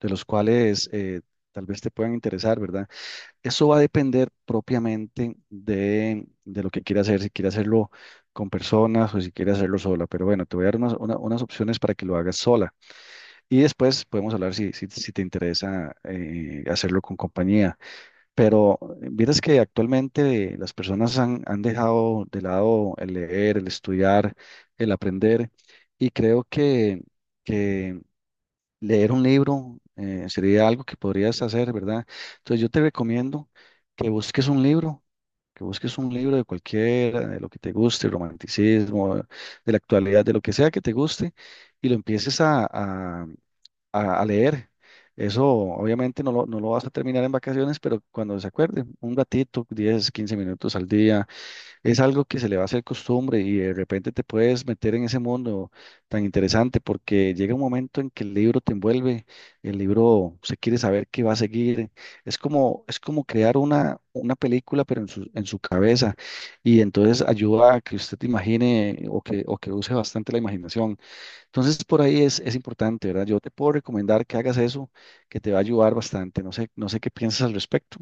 De los cuales tal vez te puedan interesar, ¿verdad? Eso va a depender propiamente de lo que quiera hacer, si quiere hacerlo con personas o si quiere hacerlo sola, pero bueno, te voy a dar unas opciones para que lo hagas sola y después podemos hablar si te interesa hacerlo con compañía, pero vieras que actualmente las personas han dejado de lado el leer, el estudiar, el aprender y creo que leer un libro sería algo que podrías hacer, ¿verdad? Entonces yo te recomiendo que busques un libro, que busques un libro de cualquiera, de lo que te guste, romanticismo, de la actualidad, de lo que sea que te guste, y lo empieces a leer. Eso obviamente no lo vas a terminar en vacaciones, pero cuando se acuerde, un ratito, 10, 15 minutos al día es algo que se le va a hacer costumbre y de repente te puedes meter en ese mundo tan interesante porque llega un momento en que el libro te envuelve, el libro se quiere saber qué va a seguir. Es como crear una película, pero en en su cabeza y entonces ayuda a que usted te imagine o o que use bastante la imaginación. Entonces por ahí es importante, ¿verdad? Yo te puedo recomendar que hagas eso, que te va a ayudar bastante. No sé qué piensas al respecto.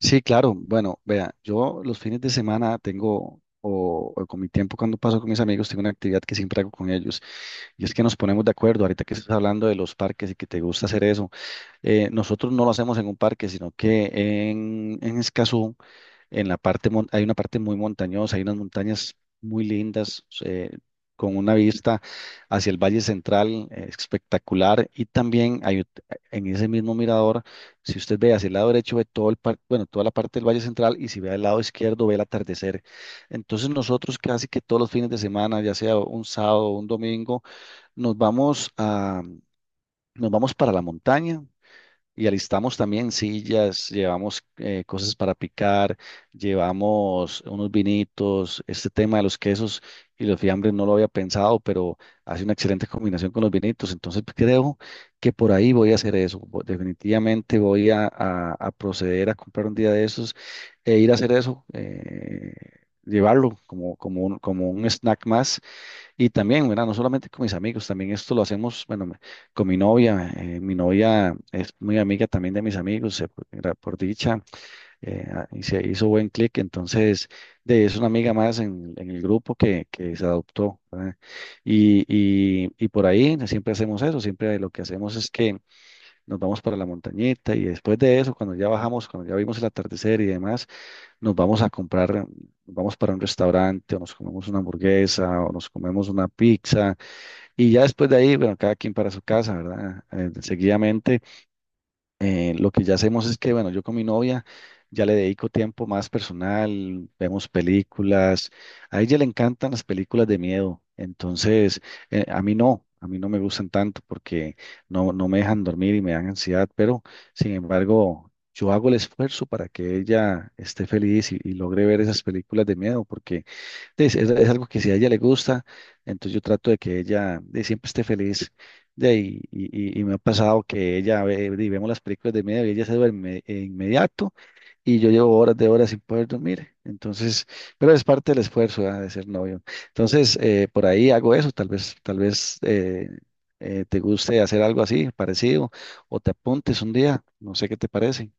Sí, claro. Bueno, vea, yo los fines de semana tengo, o con mi tiempo cuando paso con mis amigos, tengo una actividad que siempre hago con ellos. Y es que nos ponemos de acuerdo, ahorita que estás hablando de los parques y que te gusta hacer eso, nosotros no lo hacemos en un parque, sino que en Escazú, en la parte, hay una parte muy montañosa, hay unas montañas muy lindas, con una vista hacia el Valle Central, espectacular, y también en ese mismo mirador, si usted ve hacia el lado derecho, ve todo el bueno, toda la parte del Valle Central, y si ve al lado izquierdo, ve el atardecer. Entonces nosotros casi que todos los fines de semana, ya sea un sábado o un domingo, nos vamos a, nos vamos para la montaña y alistamos también sillas, llevamos cosas para picar, llevamos unos vinitos. Este tema de los quesos y los fiambres no lo había pensado, pero hace una excelente combinación con los vinitos. Entonces creo que por ahí voy a hacer eso. Definitivamente voy a proceder a comprar un día de esos e ir a hacer eso, llevarlo como un snack más y también, ¿verdad? No solamente con mis amigos, también esto lo hacemos, con mi novia. Mi novia es muy amiga también de mis amigos, por dicha, y se hizo buen clic. Entonces, es una amiga más en el grupo que se adoptó, ¿verdad? Y, y por ahí siempre hacemos eso, siempre lo que hacemos es que nos vamos para la montañita y después de eso, cuando ya bajamos, cuando ya vimos el atardecer y demás, nos vamos a comprar, nos vamos para un restaurante o nos comemos una hamburguesa o nos comemos una pizza y ya después de ahí, bueno, cada quien para su casa, ¿verdad? Seguidamente. Lo que ya hacemos es que, bueno, yo con mi novia ya le dedico tiempo más personal, vemos películas. A ella le encantan las películas de miedo, entonces a mí no me gustan tanto porque no me dejan dormir y me dan ansiedad, pero sin embargo, yo hago el esfuerzo para que ella esté feliz y logre ver esas películas de miedo porque es algo que si a ella le gusta, entonces yo trato de que ella siempre esté feliz. De ahí, y me ha pasado que ella ve, y vemos las películas de media y ella se duerme de inmediato y yo llevo horas de horas sin poder dormir. Entonces, pero es parte del esfuerzo, ah, de ser novio. Entonces, por ahí hago eso, tal vez te guste hacer algo así, parecido, o te apuntes un día, no sé qué te parece.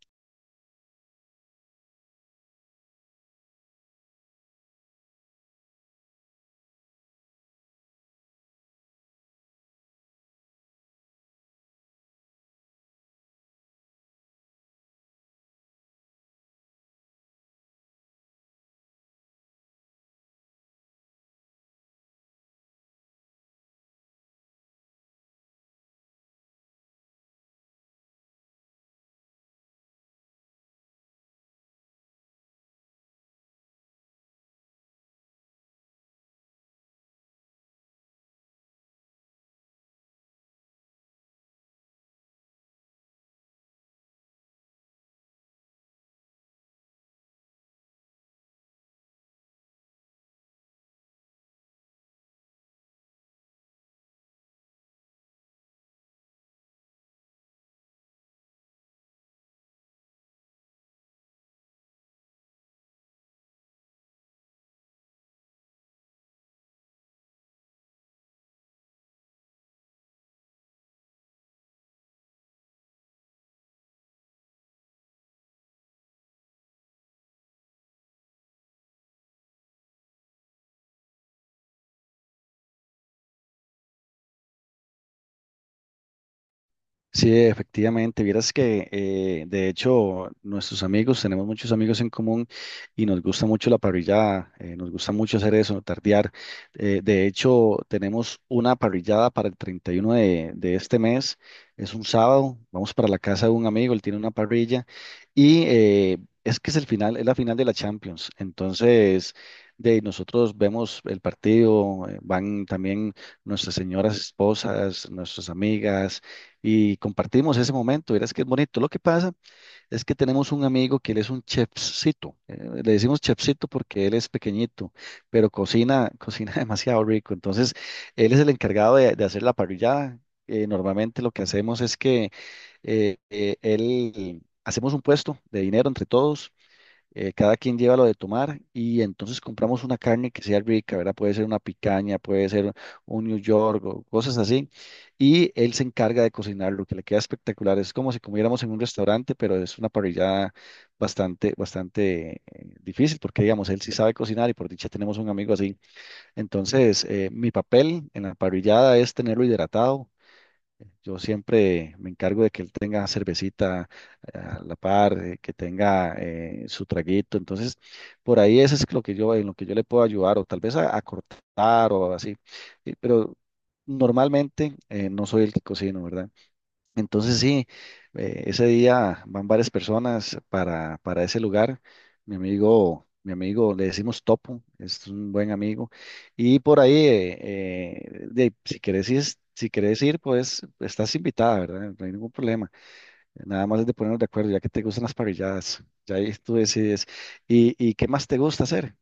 Sí, efectivamente. Vieras que, de hecho, nuestros amigos, tenemos muchos amigos en común y nos gusta mucho la parrillada, nos gusta mucho hacer eso, tardear. De hecho, tenemos una parrillada para el 31 de este mes, es un sábado, vamos para la casa de un amigo, él tiene una parrilla y es que es el final, es la final de la Champions. Entonces, de nosotros vemos el partido, van también nuestras señoras esposas, nuestras amigas y compartimos ese momento. Verás que es bonito. Lo que pasa es que tenemos un amigo que él es un chefcito. Le decimos chefcito porque él es pequeñito, pero cocina, cocina demasiado rico. Entonces, él es el encargado de hacer la parrillada. Normalmente lo que hacemos es que él hacemos un puesto de dinero entre todos, cada quien lleva lo de tomar y entonces compramos una carne que sea rica, ¿verdad? Puede ser una picaña, puede ser un New York o cosas así. Y él se encarga de cocinar, lo que le queda espectacular. Es como si comiéramos en un restaurante, pero es una parrillada bastante difícil porque, digamos, él sí sabe cocinar y por dicha tenemos un amigo así. Entonces, mi papel en la parrillada es tenerlo hidratado. Yo siempre me encargo de que él tenga cervecita a la par, que tenga su traguito. Entonces, por ahí eso es lo que yo, en lo que yo le puedo ayudar, o tal vez a cortar o así. Pero normalmente no soy el que cocino, ¿verdad? Entonces sí, ese día van varias personas para ese lugar. Mi amigo, le decimos Topo, es un buen amigo. Y por ahí, de si querés ir, pues estás invitada, ¿verdad? No hay ningún problema. Nada más es de ponernos de acuerdo, ya que te gustan las parrilladas. Ya ahí tú decides. Y qué más te gusta hacer?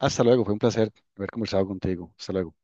Hasta luego, fue un placer haber conversado contigo. Hasta luego.